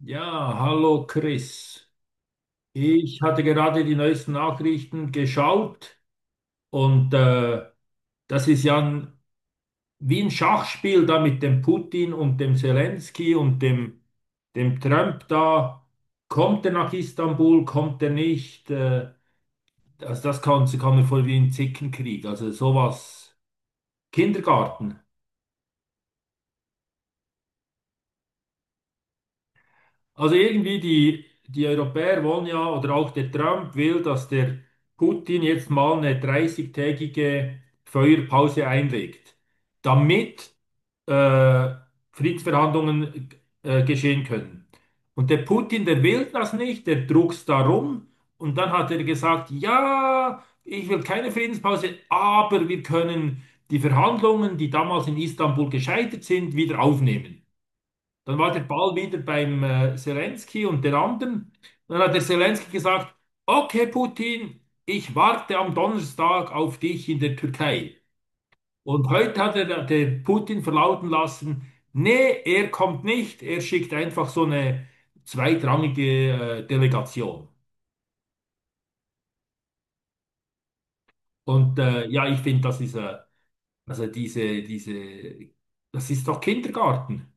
Ja, hallo Chris. Ich hatte gerade die neuesten Nachrichten geschaut und das ist ja ein, wie ein Schachspiel da mit dem Putin und dem Zelensky und dem Trump da. Kommt er nach Istanbul, kommt er nicht? Also das kann mir vor wie ein Zickenkrieg. Also sowas. Kindergarten. Also irgendwie die Europäer wollen ja, oder auch der Trump will, dass der Putin jetzt mal eine dreißigtägige Feuerpause einlegt, damit äh, Friedensverhandlungen geschehen können. Und der Putin, der will das nicht, der druckst darum. Und dann hat er gesagt, ja, ich will keine Friedenspause, aber wir können die Verhandlungen, die damals in Istanbul gescheitert sind, wieder aufnehmen. Dann war der Ball wieder beim Zelensky und den anderen. Dann hat der Zelensky gesagt, okay, Putin, ich warte am Donnerstag auf dich in der Türkei. Und heute hat der Putin verlauten lassen, nee, er kommt nicht, er schickt einfach so eine zweitrangige Delegation. Und ja, ich finde, das ist, also das ist doch Kindergarten.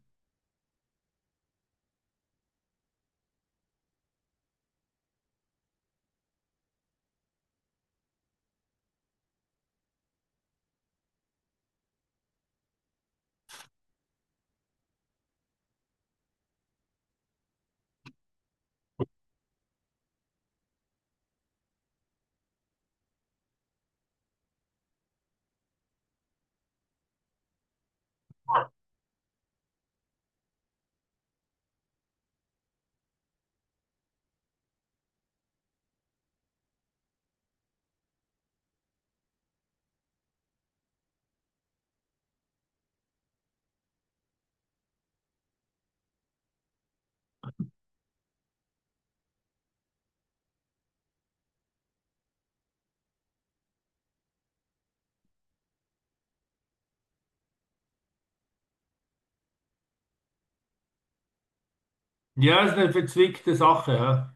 Ja, ist eine verzwickte Sache. Ja.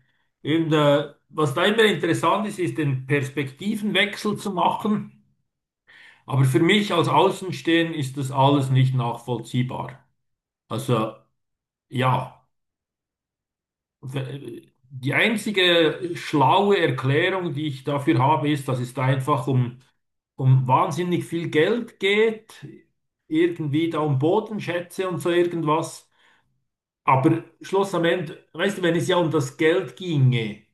Und was da immer interessant ist, ist den Perspektivenwechsel zu machen. Aber für mich als Außenstehender ist das alles nicht nachvollziehbar. Also ja, die einzige schlaue Erklärung, die ich dafür habe, ist, dass es da einfach um wahnsinnig viel Geld geht, irgendwie da um Bodenschätze und so irgendwas. Aber Schluss am Ende, weißt du, wenn es ja um das Geld ginge.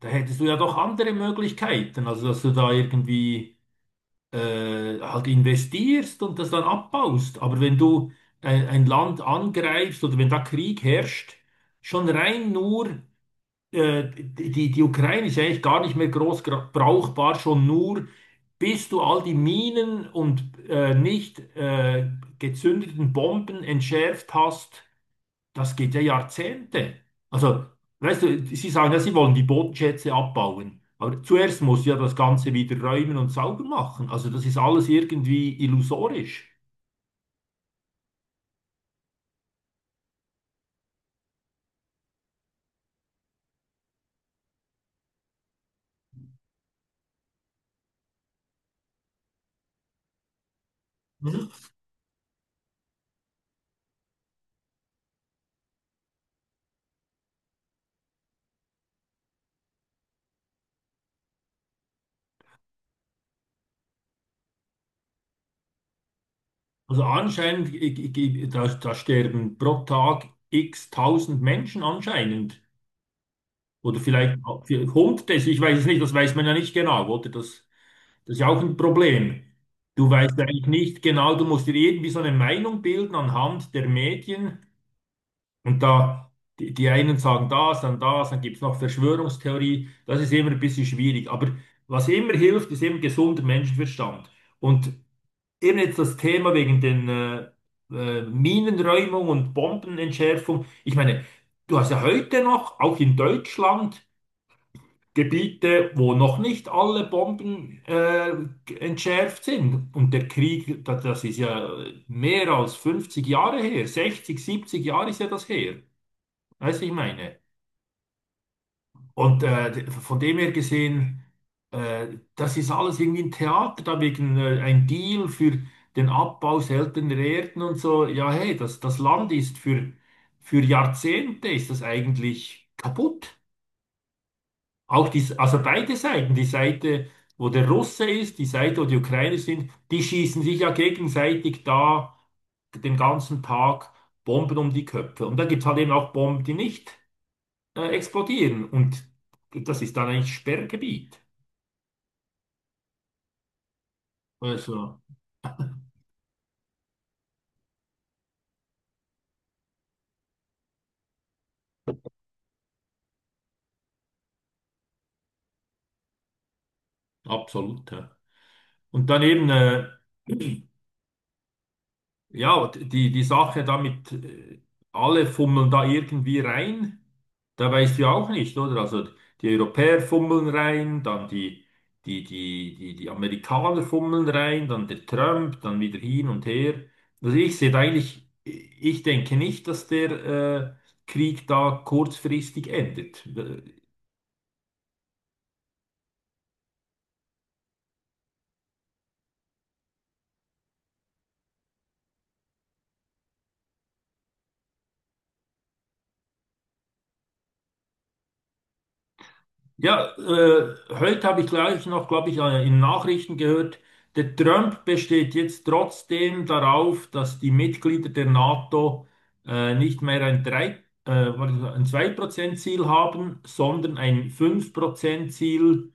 Da hättest du ja doch andere Möglichkeiten, also dass du da irgendwie halt investierst und das dann abbaust. Aber wenn du ein Land angreifst oder wenn da Krieg herrscht, schon rein nur, die Ukraine ist eigentlich gar nicht mehr groß brauchbar, schon nur, bis du all die Minen und nicht gezündeten Bomben entschärft hast, das geht ja Jahrzehnte. Also, weißt du, Sie sagen ja, Sie wollen die Bodenschätze abbauen. Aber zuerst muss ja das Ganze wieder räumen und sauber machen. Also, das ist alles irgendwie illusorisch. Mhm. Also, anscheinend, da sterben pro Tag x tausend Menschen anscheinend. Oder vielleicht auch Hunderte, ich weiß es nicht, das weiß man ja nicht genau, oder? Das ist ja auch ein Problem. Du weißt ja eigentlich nicht genau, du musst dir irgendwie so eine Meinung bilden anhand der Medien. Und da, die einen sagen das, dann gibt es noch Verschwörungstheorie. Das ist immer ein bisschen schwierig. Aber was immer hilft, ist eben gesunder Menschenverstand. Und eben jetzt das Thema wegen den Minenräumung und Bombenentschärfung. Ich meine, du hast ja heute noch, auch in Deutschland, Gebiete, wo noch nicht alle Bomben entschärft sind. Und der Krieg, das ist ja mehr als 50 Jahre her, 60, 70 Jahre ist ja das her. Weißt du, ich meine? Und von dem her gesehen, äh, das ist alles irgendwie ein Theater, da wegen ein Deal für den Abbau seltener Erden und so. Ja, hey, das Land ist für, Jahrzehnte ist das eigentlich kaputt. Auch die, also beide Seiten, die Seite, wo der Russe ist, die Seite, wo die Ukrainer sind, die schießen sich ja gegenseitig da den ganzen Tag Bomben um die Köpfe. Und da gibt es halt eben auch Bomben, die nicht explodieren. Und das ist dann eigentlich Sperrgebiet. Also absolut. Ja. Und dann eben, ja, die Sache damit, alle fummeln da irgendwie rein, da weißt du ja auch nicht, oder? Also die Europäer fummeln rein, dann die Amerikaner fummeln rein, dann der Trump, dann wieder hin und her. Also ich sehe da eigentlich, ich denke nicht, dass der Krieg da kurzfristig endet. Ja, heute habe ich gleich noch, glaube ich, in Nachrichten gehört, der Trump besteht jetzt trotzdem darauf, dass die Mitglieder der NATO nicht mehr ein 3, warte, ein 2%-Ziel haben, sondern ein fünf Prozent Ziel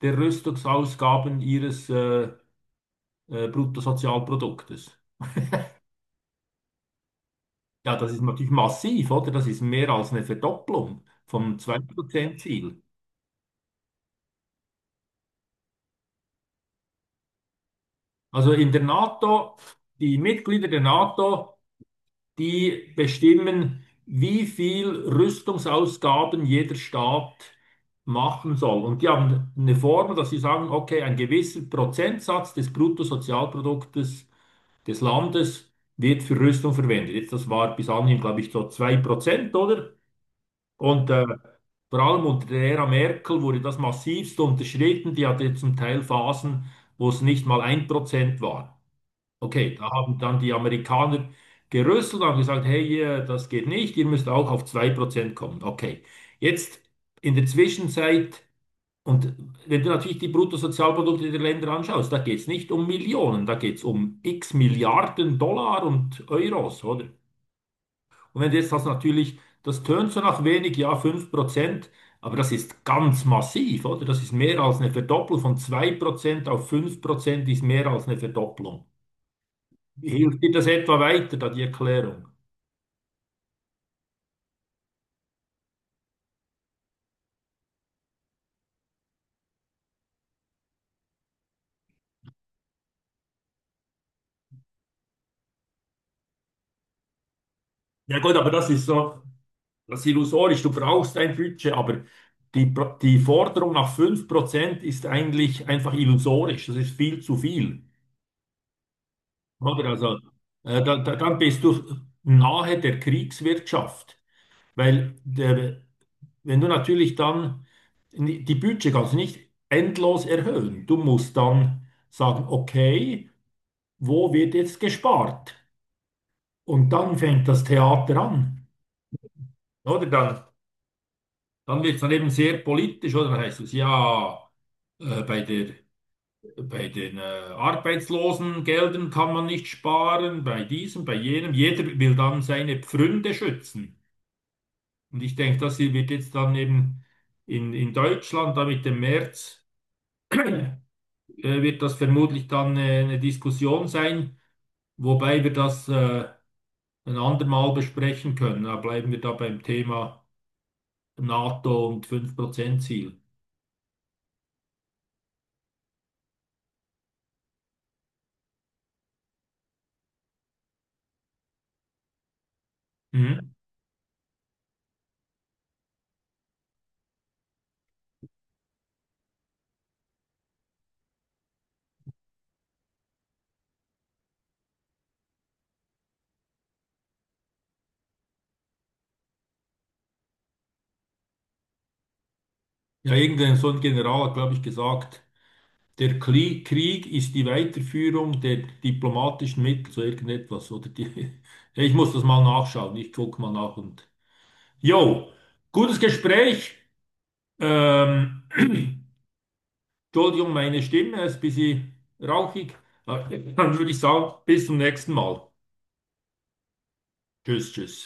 der Rüstungsausgaben ihres Bruttosozialproduktes. Ja, das ist natürlich massiv, oder? Das ist mehr als eine Verdopplung vom 2% Ziel. Also in der NATO, die Mitglieder der NATO die bestimmen, wie viel Rüstungsausgaben jeder Staat machen soll. Und die haben eine Formel, dass sie sagen, okay, ein gewisser Prozentsatz des Bruttosozialproduktes des Landes wird für Rüstung verwendet. Jetzt, das war bis anhin, glaube ich, so 2%, oder? Und vor allem unter der Ära Merkel wurde das massivst unterschritten. Die hatte zum Teil Phasen, wo es nicht mal 1% war. Okay, da haben dann die Amerikaner gerüsselt und haben gesagt, hey, ihr, das geht nicht, ihr müsst auch auf 2% kommen. Okay, jetzt in der Zwischenzeit, und wenn du natürlich die Bruttosozialprodukte der Länder anschaust, da geht es nicht um Millionen, da geht es um x Milliarden Dollar und Euros, oder? Und wenn jetzt das natürlich, das tönt so nach wenig, ja, 5%, aber das ist ganz massiv, oder? Das ist mehr als eine Verdopplung von 2% auf 5% ist mehr als eine Verdopplung. Hilft dir das etwa weiter, da die Erklärung? Ja gut, aber das ist so, das ist illusorisch. Du brauchst ein Budget, aber die Forderung nach 5% ist eigentlich einfach illusorisch. Das ist viel zu viel. Oder? Also, dann bist du nahe der Kriegswirtschaft. Weil der, wenn du natürlich dann die Budget kannst du nicht endlos erhöhen. Du musst dann sagen, okay, wo wird jetzt gespart? Und dann fängt das Theater an. Oder dann, wird es dann eben sehr politisch, oder? Dann heißt es ja, bei der, bei den Arbeitslosengeldern kann man nicht sparen, bei diesem, bei jenem. Jeder will dann seine Pfründe schützen. Und ich denke, das hier wird jetzt dann eben in Deutschland, da mit dem März, äh, wird das vermutlich dann eine Diskussion sein, wobei wir das ein andermal besprechen können. Da bleiben wir da beim Thema NATO und 5% Ziel. Mhm. Ja, irgendein so ein General hat, glaube ich, gesagt, der Krieg ist die Weiterführung der diplomatischen Mittel zu irgendetwas. Oder die, ja, ich muss das mal nachschauen. Ich gucke mal nach und. Jo, gutes Gespräch. Ähm, Entschuldigung, meine Stimme ist ein bisschen rauchig. Dann würde ich sagen, bis zum nächsten Mal. Tschüss, tschüss.